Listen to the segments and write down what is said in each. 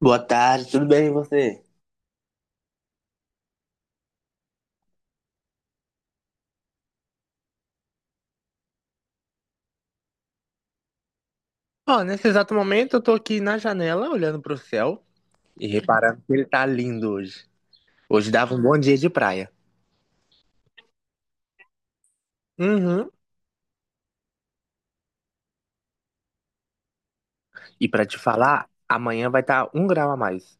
Boa tarde, tudo bem e você? Ó, nesse exato momento eu tô aqui na janela olhando pro céu e reparando que ele tá lindo hoje. Hoje dava um bom dia de praia. Uhum. E pra te falar, amanhã vai estar 1 grau a mais.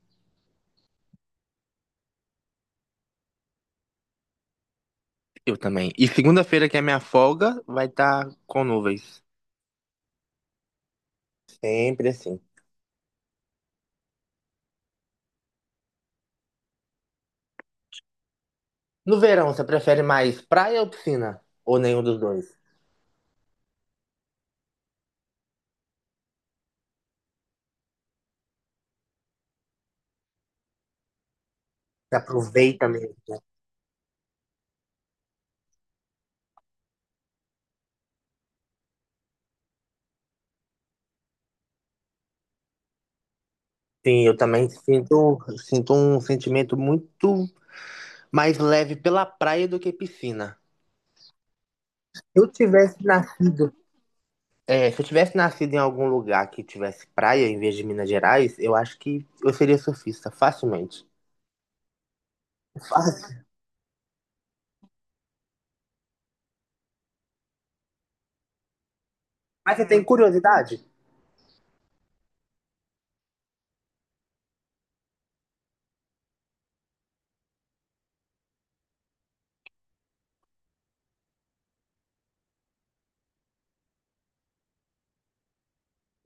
Eu também. E segunda-feira, que é minha folga, vai estar com nuvens. Sempre assim. No verão, você prefere mais praia ou piscina? Ou nenhum dos dois? Você aproveita mesmo, né? Sim, eu também sinto um sentimento muito mais leve pela praia do que piscina. Eu tivesse nascido. É, se eu tivesse nascido em algum lugar que tivesse praia em vez de Minas Gerais, eu acho que eu seria surfista, facilmente. Fácil. Mas você tem curiosidade?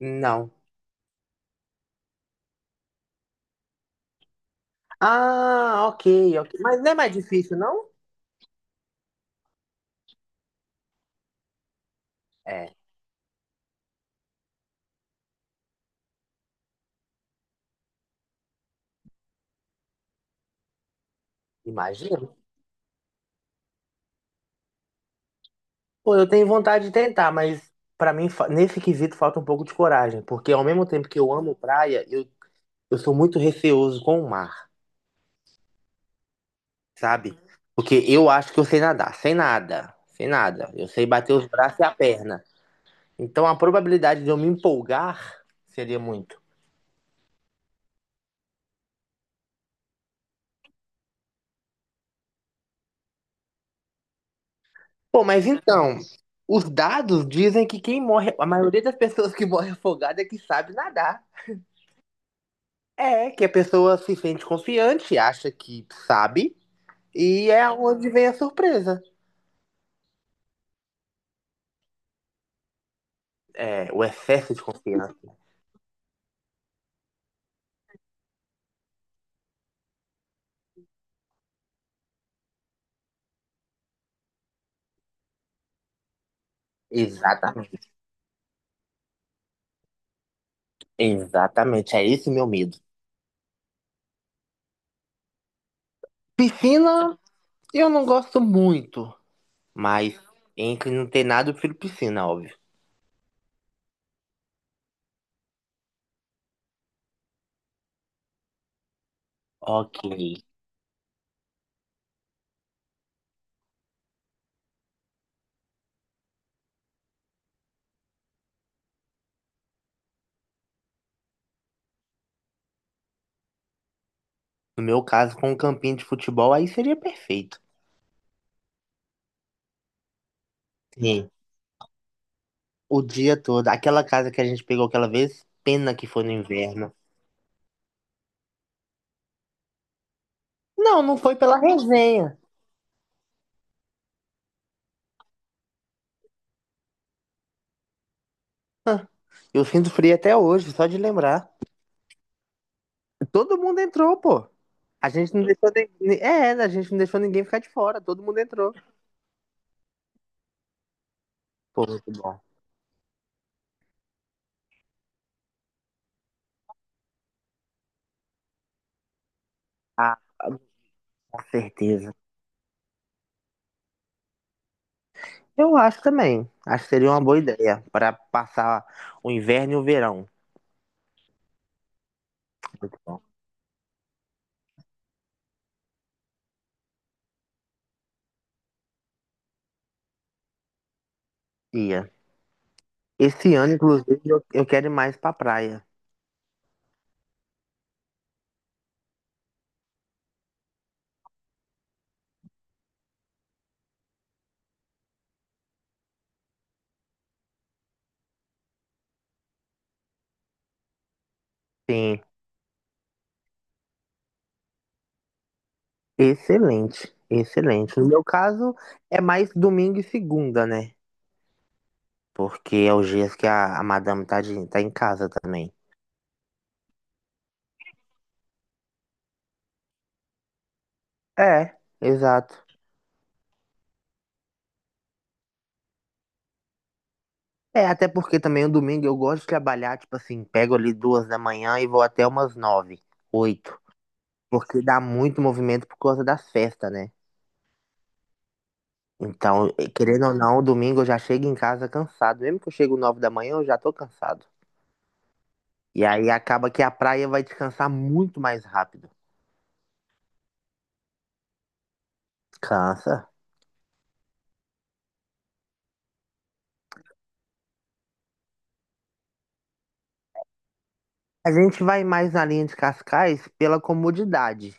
Não. Ah, ok, ok. Mas não é mais difícil, não? É, imagino. Pô, eu tenho vontade de tentar, mas pra mim, nesse quesito, falta um pouco de coragem. Porque ao mesmo tempo que eu amo praia, eu sou muito receoso com o mar, sabe? Porque eu acho que eu sei nadar, sem nada, sem nada. Eu sei bater os braços e a perna. Então a probabilidade de eu me empolgar seria muito. Pô, mas então, os dados dizem que quem morre, a maioria das pessoas que morre afogada é que sabe nadar. É, que a pessoa se sente confiante, acha que sabe, e é onde vem a surpresa. É, o excesso de confiança. Exatamente. Exatamente, é esse meu medo. Piscina, eu não gosto muito, mas entre não ter nada, eu prefiro piscina, óbvio. Ok. No meu caso, com um campinho de futebol, aí seria perfeito. Sim. O dia todo. Aquela casa que a gente pegou aquela vez, pena que foi no inverno. Não, não foi pela resenha. Eu sinto frio até hoje, só de lembrar. Todo mundo entrou, pô. A gente não deixou ninguém. É, a gente não deixou ninguém ficar de fora, todo mundo entrou. Pô, muito bom. Com certeza. Eu acho também. Acho que seria uma boa ideia para passar o inverno e o verão. Muito bom. Ia. Esse ano, inclusive, eu quero ir mais pra praia. Sim. Excelente, excelente. No meu caso, é mais domingo e segunda, né? Porque é os dias que a madame tá, tá em casa também. É, exato. É, até porque também o domingo eu gosto de trabalhar, tipo assim, pego ali 2 da manhã e vou até umas 9, 8. Porque dá muito movimento por causa das festas, né? Então, querendo ou não, domingo eu já chego em casa cansado. Mesmo que eu chego 9 da manhã, eu já tô cansado. E aí acaba que a praia vai descansar muito mais rápido. Cansa. A gente vai mais na linha de Cascais pela comodidade,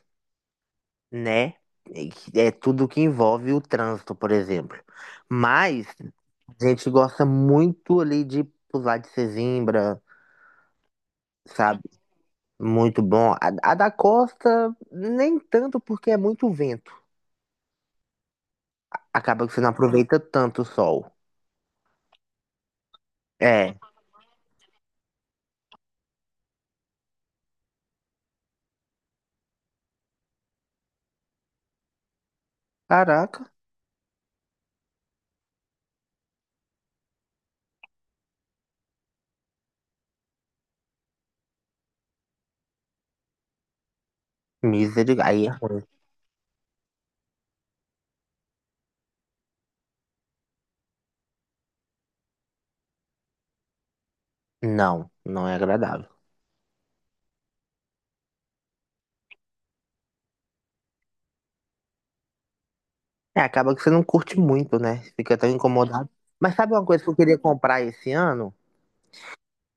né? E que é tudo que envolve o trânsito, por exemplo. Mas a gente gosta muito ali de pular de Sesimbra, sabe? Muito bom. A da costa, nem tanto porque é muito vento. Acaba que você não aproveita tanto o sol. É. Caraca, misericórdia. Aí é ruim. Não, não é agradável. É, acaba que você não curte muito, né? Fica tão incomodado. Mas sabe uma coisa que eu queria comprar esse ano?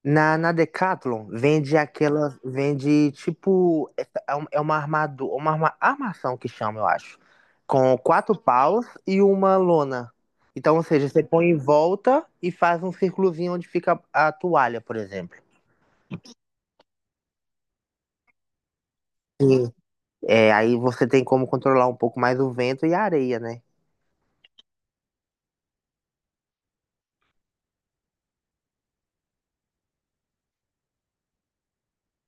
Na Decathlon vende aquela, vende tipo, é uma armação que chama, eu acho, com quatro paus e uma lona. Então, ou seja, você põe em volta e faz um círculozinho onde fica a toalha, por exemplo. Sim. É, aí você tem como controlar um pouco mais o vento e a areia, né?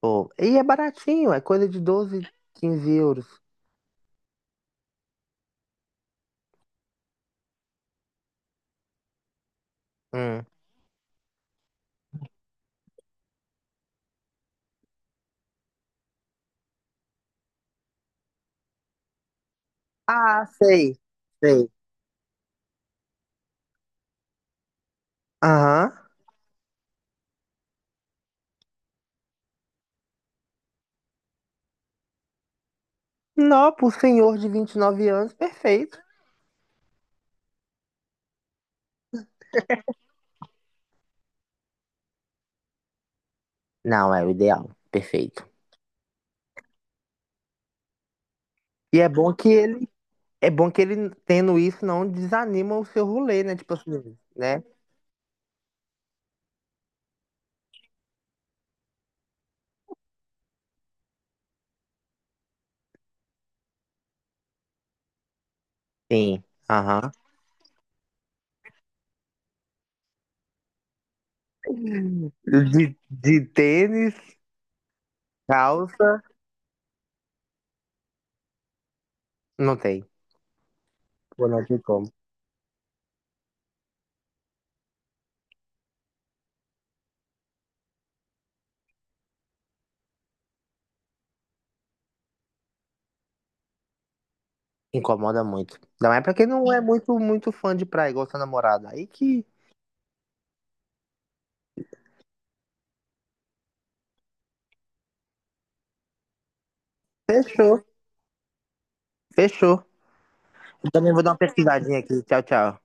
Pô, e é baratinho, é coisa de 12 a 15 euros. Hum. Ah, sei, sei. Aham. Não, pro senhor de 29 anos, perfeito. Não, é o ideal. Perfeito. E é bom que ele, é bom que ele tendo isso não desanima o seu rolê, né? Tipo assim, né? Sim. Aham. De tênis, calça, não tem. Pô, não tem como. Incomoda muito. Não é pra quem não é muito, muito fã de praia, igual sua namorada. Aí que fechou, fechou. Eu também vou dar uma pesquisadinha aqui. Tchau, tchau.